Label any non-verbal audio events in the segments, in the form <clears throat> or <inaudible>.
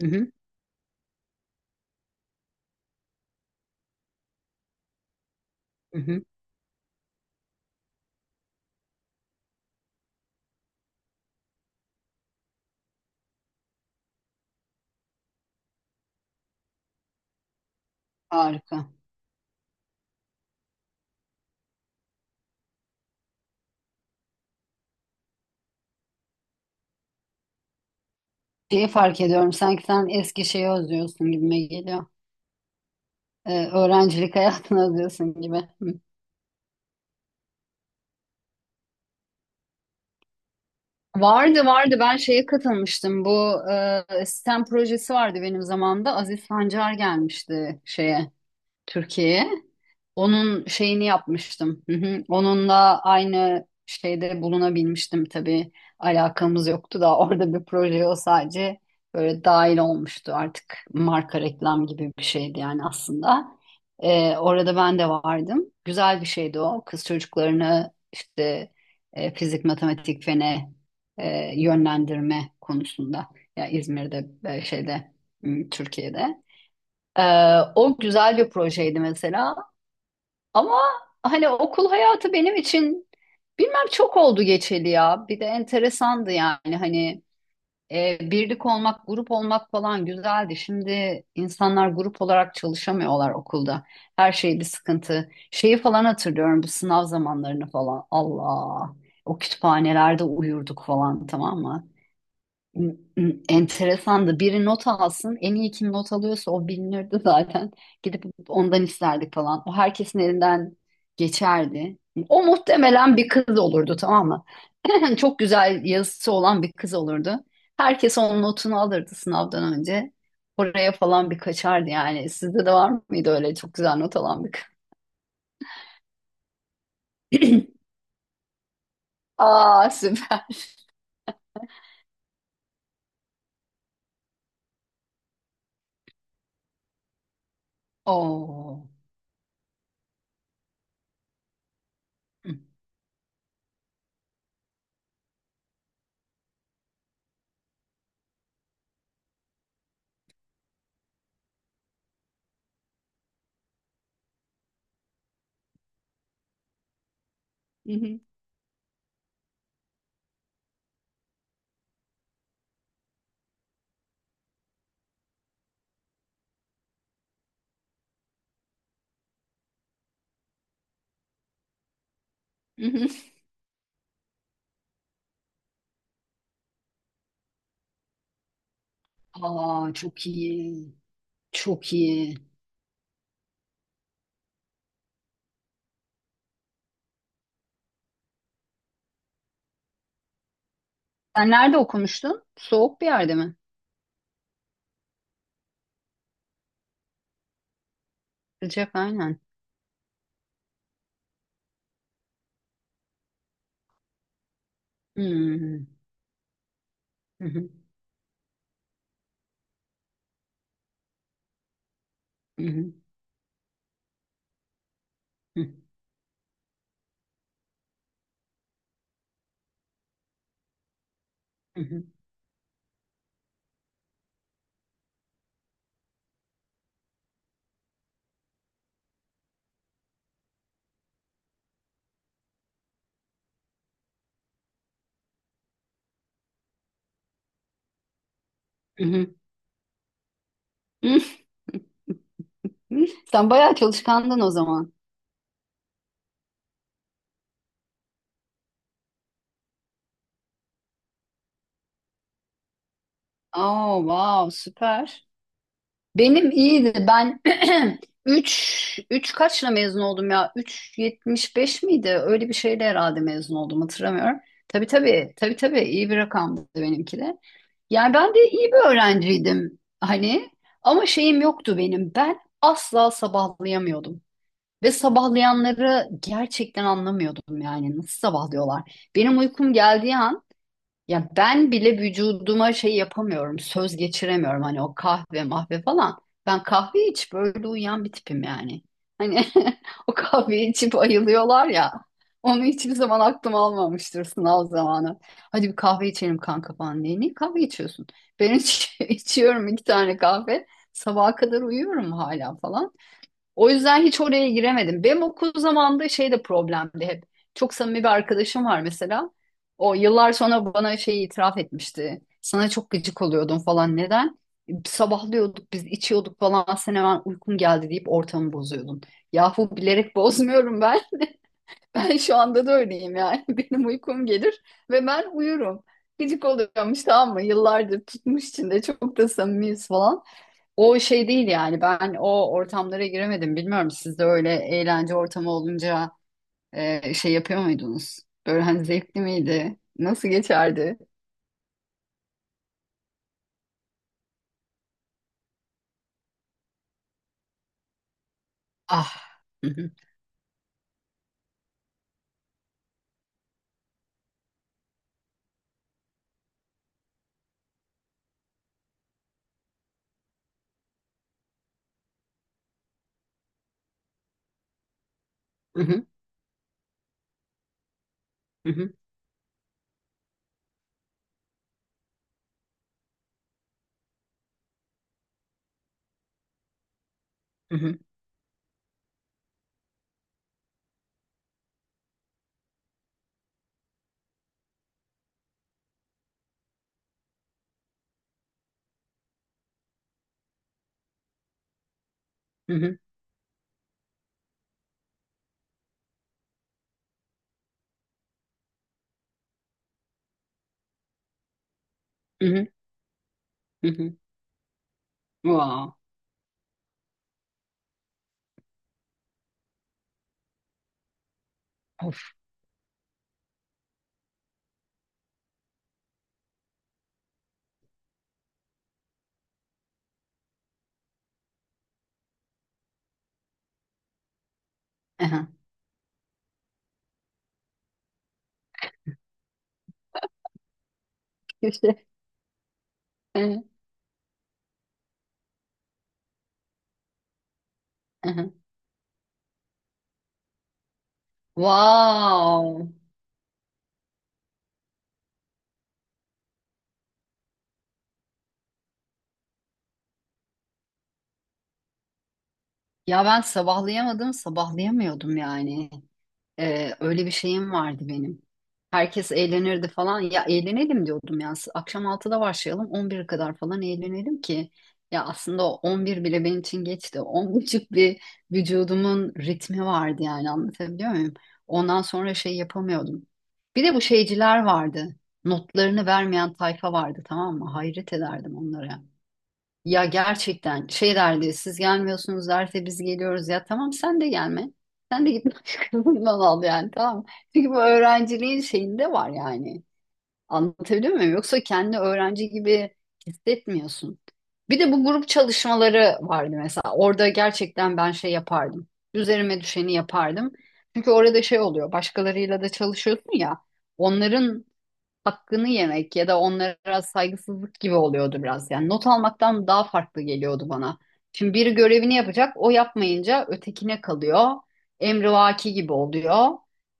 Hı hı, hı hı. Harika. Şeyi fark ediyorum. Sanki sen eski şeyi özlüyorsun gibime geliyor. Öğrencilik <laughs> hayatını özlüyorsun gibi. Hı. Vardı vardı. Ben şeye katılmıştım. Bu sistem projesi vardı benim zamanımda. Aziz Sancar gelmişti şeye. Türkiye'ye. Onun şeyini yapmıştım. Hı hı. Onunla aynı şeyde bulunabilmiştim tabii. Alakamız yoktu da orada bir proje o sadece böyle dahil olmuştu artık marka reklam gibi bir şeydi yani aslında. Orada ben de vardım. Güzel bir şeydi o. Kız çocuklarını işte fizik, matematik, fene yönlendirme konusunda. Ya İzmir'de şeyde Türkiye'de. Ee, O güzel bir projeydi mesela. Ama hani okul hayatı benim için bilmem çok oldu geçeli ya. Bir de enteresandı yani hani birlik olmak, grup olmak falan güzeldi. Şimdi insanlar grup olarak çalışamıyorlar okulda. Her şey bir sıkıntı. Şeyi falan hatırlıyorum bu sınav zamanlarını falan. Allah. O kütüphanelerde uyurduk falan tamam mı? <clears throat> Enteresandı. Biri not alsın. En iyi kim not alıyorsa o bilinirdi zaten. Gidip ondan isterdik falan. O herkesin elinden geçerdi. O muhtemelen bir kız olurdu tamam mı? <clears throat> Çok güzel yazısı olan bir kız olurdu. Herkes onun notunu alırdı sınavdan önce. Oraya falan bir kaçardı yani. Sizde de var mıydı öyle çok güzel not alan bir kız? <clears throat> Aa süper. Oo. <laughs> Aa çok iyi. Çok iyi. Sen nerede okumuştun? Soğuk bir yerde mi? Sıcak aynen. Hmm. Hı hı, hı hı, hı hı, hı hı, hı hı. <laughs> Sen bayağı çalışkandın o zaman. Oh, wow, süper. Benim iyiydi. Ben <clears throat> 3 3 kaçla mezun oldum ya? 3,75 miydi? Öyle bir şeyle herhalde mezun oldum hatırlamıyorum. Tabii tabii. Tabii tabii iyi bir rakamdı benimki de. Yani ben de iyi bir öğrenciydim hani ama şeyim yoktu benim. Ben asla sabahlayamıyordum. Ve sabahlayanları gerçekten anlamıyordum yani nasıl sabahlıyorlar. Benim uykum geldiği an ya ben bile vücuduma şey yapamıyorum, söz geçiremiyorum hani o kahve mahve falan. Ben kahve içip öyle uyuyan bir tipim yani. Hani <laughs> o kahveyi içip ayılıyorlar ya. Onu hiçbir zaman aklım almamıştır sınav zamanı. Hadi bir kahve içelim kanka falan diye. Niye kahve içiyorsun? Ben <laughs> içiyorum iki tane kahve. Sabaha kadar uyuyorum hala falan. O yüzden hiç oraya giremedim. Benim okul zamanında şey de problemdi hep. Çok samimi bir arkadaşım var mesela. O yıllar sonra bana şeyi itiraf etmişti. Sana çok gıcık oluyordum falan. Neden? Sabahlıyorduk biz içiyorduk falan. Sen hemen uykum geldi deyip ortamı bozuyordun. Yahu bilerek bozmuyorum ben. <laughs> Ben şu anda da öyleyim yani. <laughs> Benim uykum gelir ve ben uyurum. Gıcık oluyormuş tamam mı? Yıllardır tutmuş içinde çok da samimiyiz falan. O şey değil yani ben o ortamlara giremedim. Bilmiyorum siz de öyle eğlence ortamı olunca şey yapıyor muydunuz? Böyle hani zevkli miydi? Nasıl geçerdi? Ah. Hı hı, hı hı, hı hı, hı hı, hı hı, hı hı, hı hı. Wow. Of. Aha. İşte. Aha, aha. Wow. Ya ben sabahlayamadım, sabahlayamıyordum yani. Öyle bir şeyim vardı benim. Herkes eğlenirdi falan. Ya eğlenelim diyordum ya. Akşam 6'da başlayalım 11'e kadar falan eğlenelim ki. Ya aslında o 11 bile benim için geçti. 10.30 bir vücudumun ritmi vardı yani anlatabiliyor muyum? Ondan sonra şey yapamıyordum. Bir de bu şeyciler vardı. Notlarını vermeyen tayfa vardı tamam mı? Hayret ederdim onlara. Ya gerçekten şey derdi siz gelmiyorsunuz derse biz geliyoruz ya tamam sen de gelme. Sen de git <laughs> başkasından al yani tamam mı? Çünkü bu öğrenciliğin şeyinde var yani. Anlatabiliyor muyum? Yoksa kendi öğrenci gibi hissetmiyorsun. Bir de bu grup çalışmaları vardı mesela. Orada gerçekten ben şey yapardım. Üzerime düşeni yapardım. Çünkü orada şey oluyor. Başkalarıyla da çalışıyorsun ya. Onların hakkını yemek ya da onlara saygısızlık gibi oluyordu biraz. Yani not almaktan daha farklı geliyordu bana. Şimdi biri görevini yapacak, o yapmayınca ötekine kalıyor. Emrivaki gibi oluyor.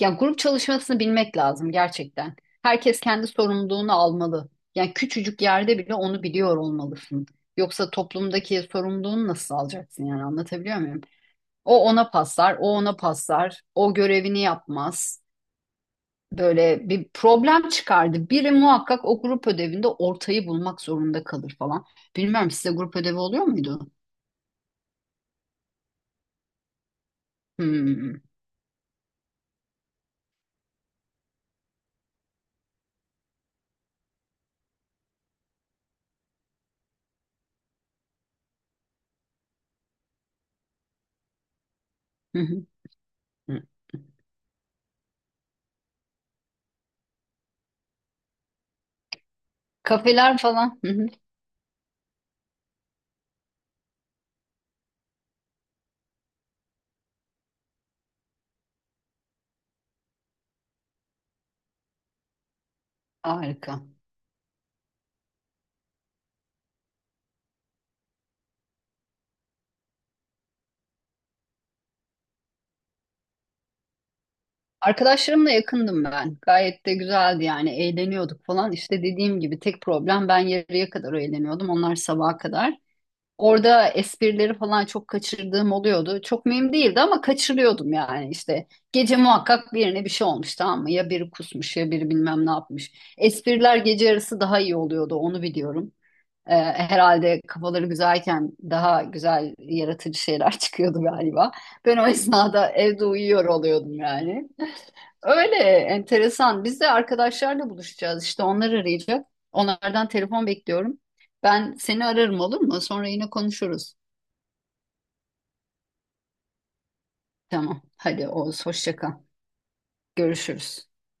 Yani grup çalışmasını bilmek lazım gerçekten. Herkes kendi sorumluluğunu almalı. Yani küçücük yerde bile onu biliyor olmalısın. Yoksa toplumdaki sorumluluğunu nasıl alacaksın yani anlatabiliyor muyum? O ona paslar, o ona paslar, o görevini yapmaz böyle bir problem çıkardı. Biri muhakkak o grup ödevinde ortayı bulmak zorunda kalır falan. Bilmiyorum size grup ödevi oluyor muydu? Hmm. <laughs> Hı hı. Hı. Kafeler falan. <laughs> Hı hı. Harika. Arkadaşlarımla yakındım ben. Gayet de güzeldi yani eğleniyorduk falan. İşte dediğim gibi tek problem ben yarıya kadar eğleniyordum. Onlar sabaha kadar. Orada esprileri falan çok kaçırdığım oluyordu. Çok mühim değildi ama kaçırıyordum yani işte. Gece muhakkak birine bir şey olmuş tamam mı? Ya biri kusmuş ya biri bilmem ne yapmış. Espriler gece arası daha iyi oluyordu onu biliyorum. Herhalde kafaları güzelken daha güzel yaratıcı şeyler <laughs> çıkıyordu galiba. Ben o esnada evde uyuyor oluyordum yani. Öyle enteresan. Biz de arkadaşlarla buluşacağız işte onlar arayacak. Onlardan telefon bekliyorum. Ben seni ararım olur mu? Sonra yine konuşuruz. Tamam. Hadi Oğuz, hoşça kal. Görüşürüz.